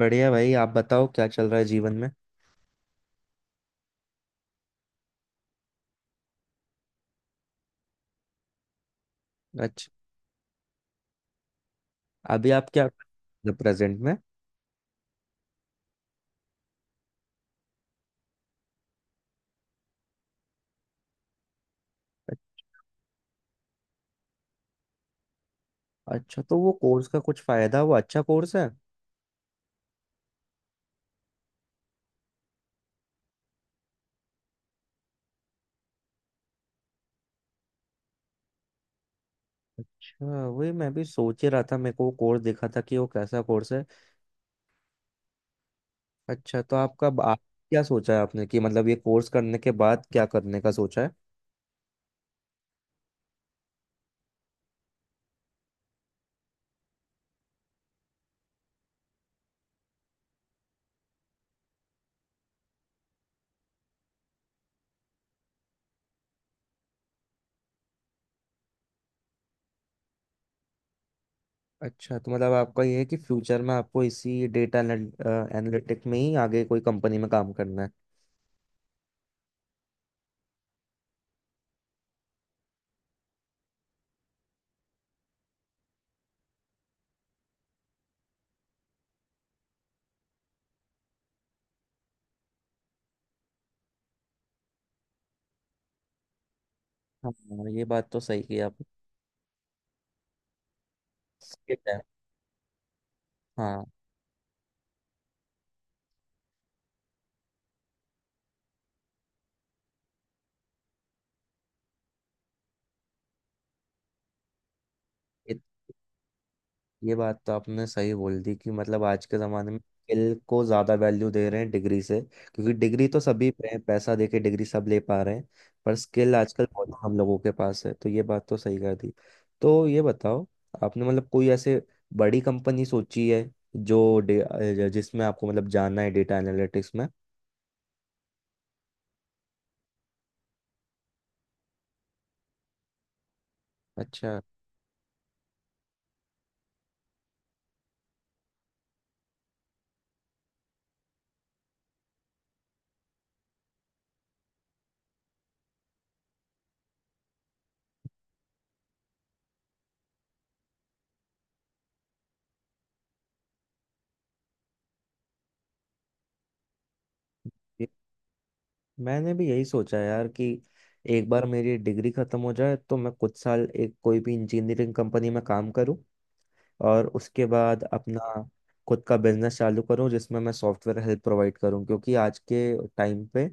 बढ़िया भाई, आप बताओ क्या चल रहा है जीवन में। अच्छा। अभी आप क्या, प्रेजेंट में? अच्छा, तो वो कोर्स का कुछ फायदा, वो अच्छा कोर्स है? अच्छा, वही मैं भी सोच ही रहा था, मेरे को वो कोर्स देखा था कि वो कैसा कोर्स है। अच्छा, तो आपका आप क्या सोचा है आपने कि मतलब ये कोर्स करने के बाद क्या करने का सोचा है? अच्छा, तो मतलब आपका ये है कि फ्यूचर में आपको इसी डेटा एनालिटिक में ही आगे कोई कंपनी में काम करना है। हाँ, ये बात तो सही की आप। ठीक है। हाँ, ये बात तो आपने सही बोल दी कि मतलब आज के ज़माने में स्किल को ज़्यादा वैल्यू दे रहे हैं डिग्री से। क्योंकि डिग्री तो सभी पे है, पैसा दे के डिग्री सब ले पा रहे हैं। पर स्किल आजकल बहुत हम लोगों के पास है, तो ये बात तो सही कर दी। तो ये बताओ, आपने मतलब कोई ऐसे बड़ी कंपनी सोची है जो जिसमें आपको मतलब जाना है डेटा एनालिटिक्स में? अच्छा। ये- मैंने भी यही सोचा यार कि एक बार मेरी डिग्री ख़त्म हो जाए तो मैं कुछ साल एक कोई भी इंजीनियरिंग कंपनी में काम करूं, और उसके बाद अपना खुद का बिजनेस चालू करूँ जिसमें मैं सॉफ्टवेयर हेल्थ प्रोवाइड करूँ, क्योंकि आज के टाइम पे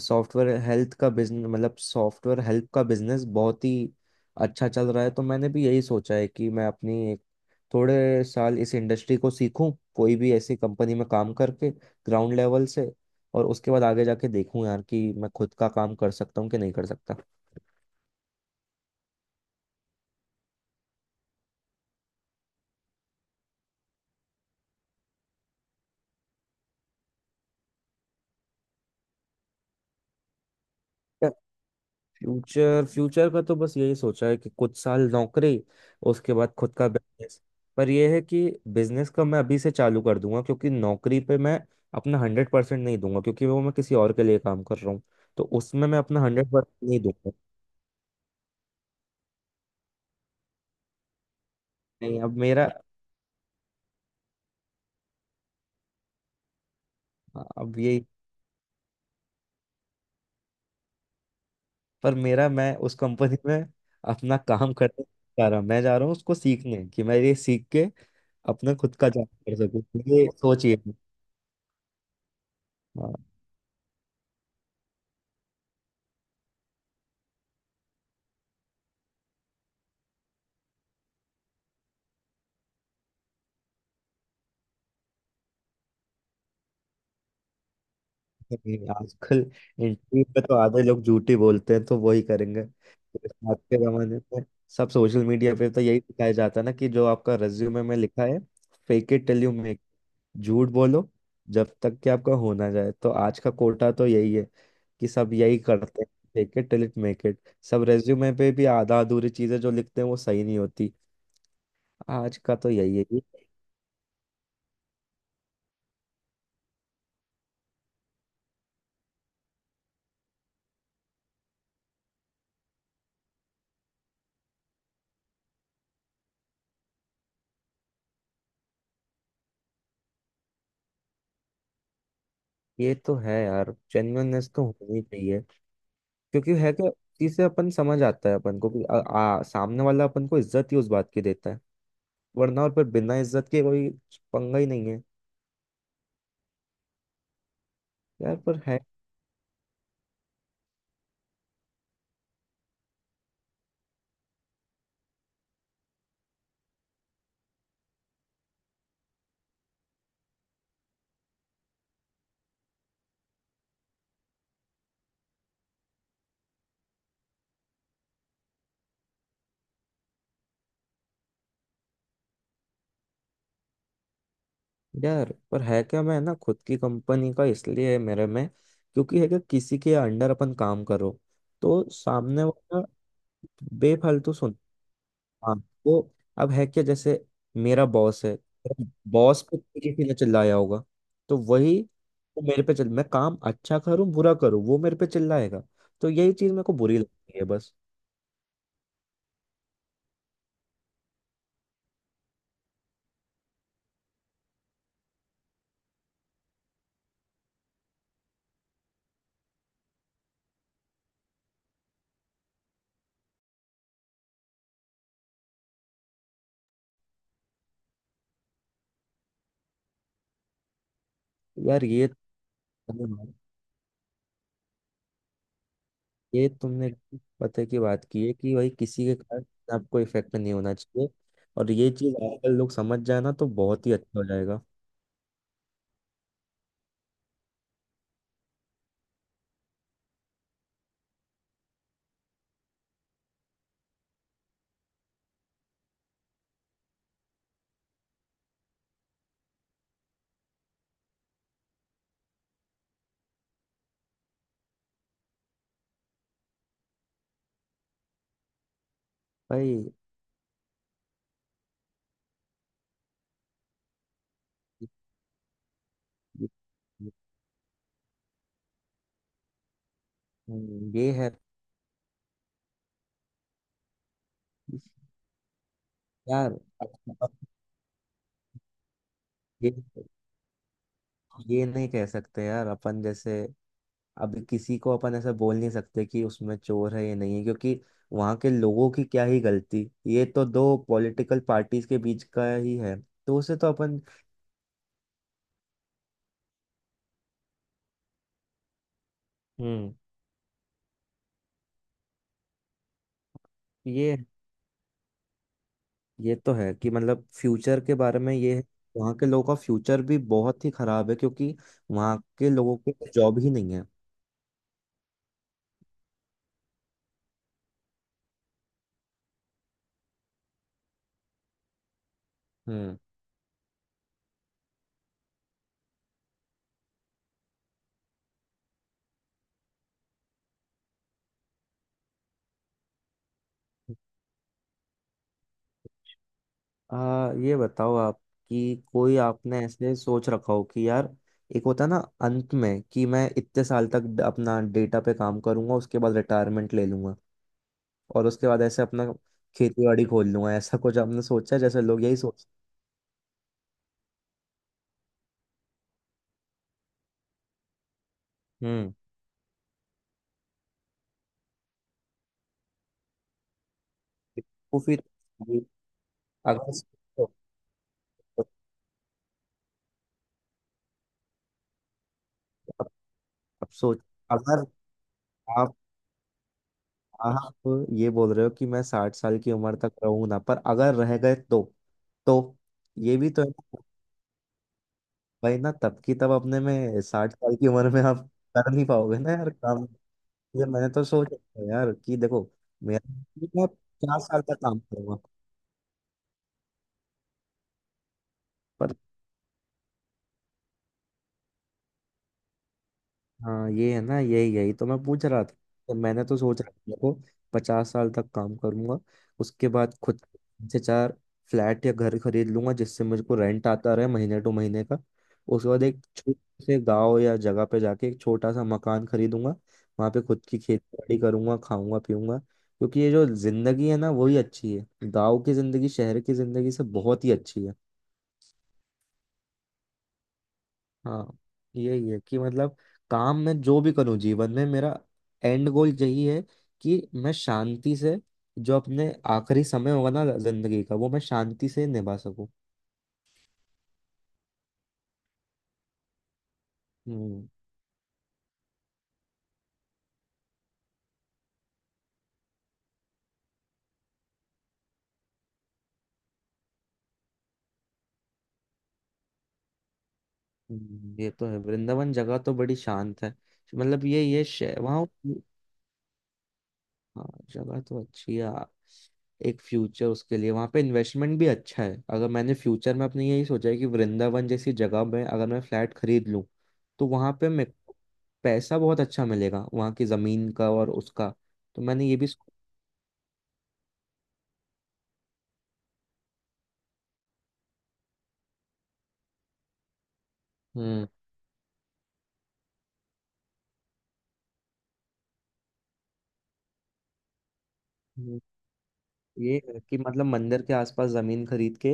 सॉफ्टवेयर हेल्थ का बिजनेस, मतलब सॉफ्टवेयर हेल्थ का बिजनेस बहुत ही अच्छा चल रहा है। तो मैंने भी यही सोचा है कि मैं अपनी एक, थोड़े साल इस इंडस्ट्री को सीखूं कोई भी ऐसी कंपनी में काम करके ग्राउंड लेवल से, और उसके बाद आगे जाके देखूं यार कि मैं खुद का काम कर सकता हूँ कि नहीं कर सकता। फ्यूचर फ्यूचर का तो बस यही सोचा है कि कुछ साल नौकरी, उसके बाद खुद का बिजनेस। पर यह है कि बिजनेस का मैं अभी से चालू कर दूंगा, क्योंकि नौकरी पे मैं अपना 100% नहीं दूंगा, क्योंकि वो मैं किसी और के लिए काम कर रहा हूँ, तो उसमें मैं अपना 100% नहीं दूंगा। नहीं, अब मेरा, अब यही, पर मेरा, मैं उस कंपनी में अपना काम करने नहीं जा रहा, मैं जा रहा हूँ उसको सीखने, कि मैं ये सीख के अपना खुद का जॉब कर सकूँ, ये सोचिए। हाँ। नहीं, आजकल इंटरव्यू पे तो आधे लोग झूठी बोलते हैं, तो वही करेंगे तो इस बात के जमाने में सब। सोशल मीडिया पे तो यही दिखाया जाता है ना कि जो आपका रिज्यूमे में लिखा है, fake it till you make. झूठ बोलो जब तक कि आपका हो ना जाए, तो आज का कोटा तो यही है कि सब यही करते हैं। Fake it till it make it. सब रेज्यूमे पे भी आधा अधूरी चीजें जो लिखते हैं वो सही नहीं होती। आज का तो यही है ये। ये तो है यार, जेन्युइननेस तो होनी चाहिए। क्योंकि है कि चीज से अपन समझ आता है अपन को कि आ, आ, सामने वाला अपन को इज्जत ही उस बात की देता है। वरना और पर बिना इज्जत के कोई पंगा ही नहीं है। यार पर है यार पर है क्या, मैं ना खुद की कंपनी का इसलिए है मेरे में। क्योंकि है कि किसी के अंडर अपन काम करो तो सामने वाला बेफालतू सुन। हाँ। तो अब है क्या, जैसे मेरा बॉस है। बॉस पे किसी ने चिल्लाया होगा तो वही, वो मेरे पे चिल मैं काम अच्छा करूं बुरा करूं, वो मेरे पे चिल्लाएगा। तो यही चीज मेरे को बुरी लगती है, बस। यार, तुमने- ये तुमने पते की बात की है कि भाई किसी के कारण आपको इफेक्ट नहीं होना चाहिए। और ये चीज आजकल लोग समझ जाए ना तो बहुत ही अच्छा हो जाएगा। भाई ये- ये है यार। ये ये नहीं कह सकते यार अपन, जैसे अभी किसी को अपन ऐसा बोल नहीं सकते कि उसमें चोर है या नहीं है, क्योंकि वहां के लोगों की क्या ही गलती। ये तो दो पॉलिटिकल पार्टीज के बीच का ही है, तो उसे तो अपन। हम्म। ये ये तो है कि मतलब फ्यूचर के बारे में ये है। वहाँ के लोगों का फ्यूचर भी बहुत ही खराब है, क्योंकि वहाँ के लोगों के जॉब ही नहीं है। हम्म। ये बताओ आप कि कोई आपने ऐसे सोच रखा हो कि यार एक होता है ना अंत में, कि मैं इतने साल तक अपना डेटा पे काम करूंगा, उसके बाद रिटायरमेंट ले लूंगा, और उसके बाद ऐसे अपना खेती बाड़ी खोल लूंगा, ऐसा कुछ आपने सोचा है? जैसे लोग यही सोच। हम्म। वो फिर ये, अगर सोचो, अब अब सोच, अगर आप आप ये बोल रहे हो कि मैं 60 साल की उम्र तक रहूंगा, पर अगर रह गए तो। तो ये भी तो है। भाई ना तब की तब, अपने में 60 साल की उम्र में आप कर नहीं पाओगे ना यार काम। ये मैंने तो सोच रखा है यार कि देखो, मेरा मैं 50 साल तक काम करूंगा। पर हाँ, ये है ना, यही यही तो मैं पूछ रहा था। तो मैंने तो सोच रहा था देखो, 50 साल तक काम करूंगा, उसके बाद खुद से चार फ्लैट या घर खरीद लूंगा जिससे मुझे को रेंट आता रहे महीने टू महीने का। उसके बाद एक छोटे से गांव या जगह पे जाके एक छोटा सा मकान खरीदूंगा, वहां पे खुद की खेती बाड़ी करूंगा, खाऊंगा पीऊंगा, क्योंकि ये जो जिंदगी है ना, वही अच्छी है। गाँव की जिंदगी शहर की जिंदगी से बहुत ही अच्छी है। हाँ। यही है कि मतलब काम में जो भी करूँ जीवन में, मेरा एंड गोल यही है कि मैं शांति से, जो अपने आखिरी समय होगा ना जिंदगी का, वो मैं शांति से निभा सकूं। हम्म। ये तो है, वृंदावन जगह तो बड़ी शांत है। मतलब ये वहां, हाँ। जगह तो अच्छी है। एक फ्यूचर, उसके लिए वहां पे इन्वेस्टमेंट भी अच्छा है, अगर मैंने फ्यूचर में अपने यही सोचा है कि वृंदावन जैसी जगह में अगर मैं फ्लैट खरीद लूँ, तो वहां पे मैं पैसा बहुत अच्छा मिलेगा वहां की जमीन का और उसका। तो मैंने ये भी सोच-। हम्म। ये कि मतलब मंदिर के आसपास जमीन खरीद के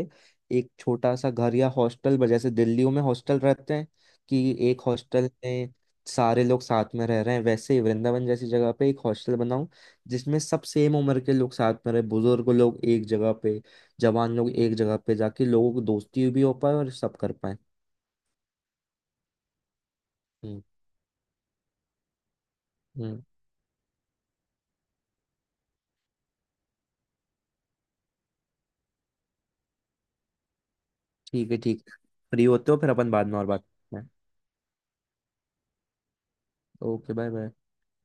एक छोटा सा घर या हॉस्टल जैसे दिल्लियों में हॉस्टल रहते हैं, कि एक हॉस्टल में सारे लोग साथ में रह रहे हैं, वैसे ही वृंदावन जैसी जगह पे एक हॉस्टल बनाऊं, जिसमें सब सेम उम्र के लोग साथ में रहे, बुजुर्ग लोग एक जगह पे, जवान लोग एक जगह पे, जाके लोगों की दोस्ती भी हो पाए और सब कर पाए। हम्म। हम्म, ठीक है ठीक है। फ्री होते हो फिर अपन बाद में और बात करते हैं। Okay bye bye.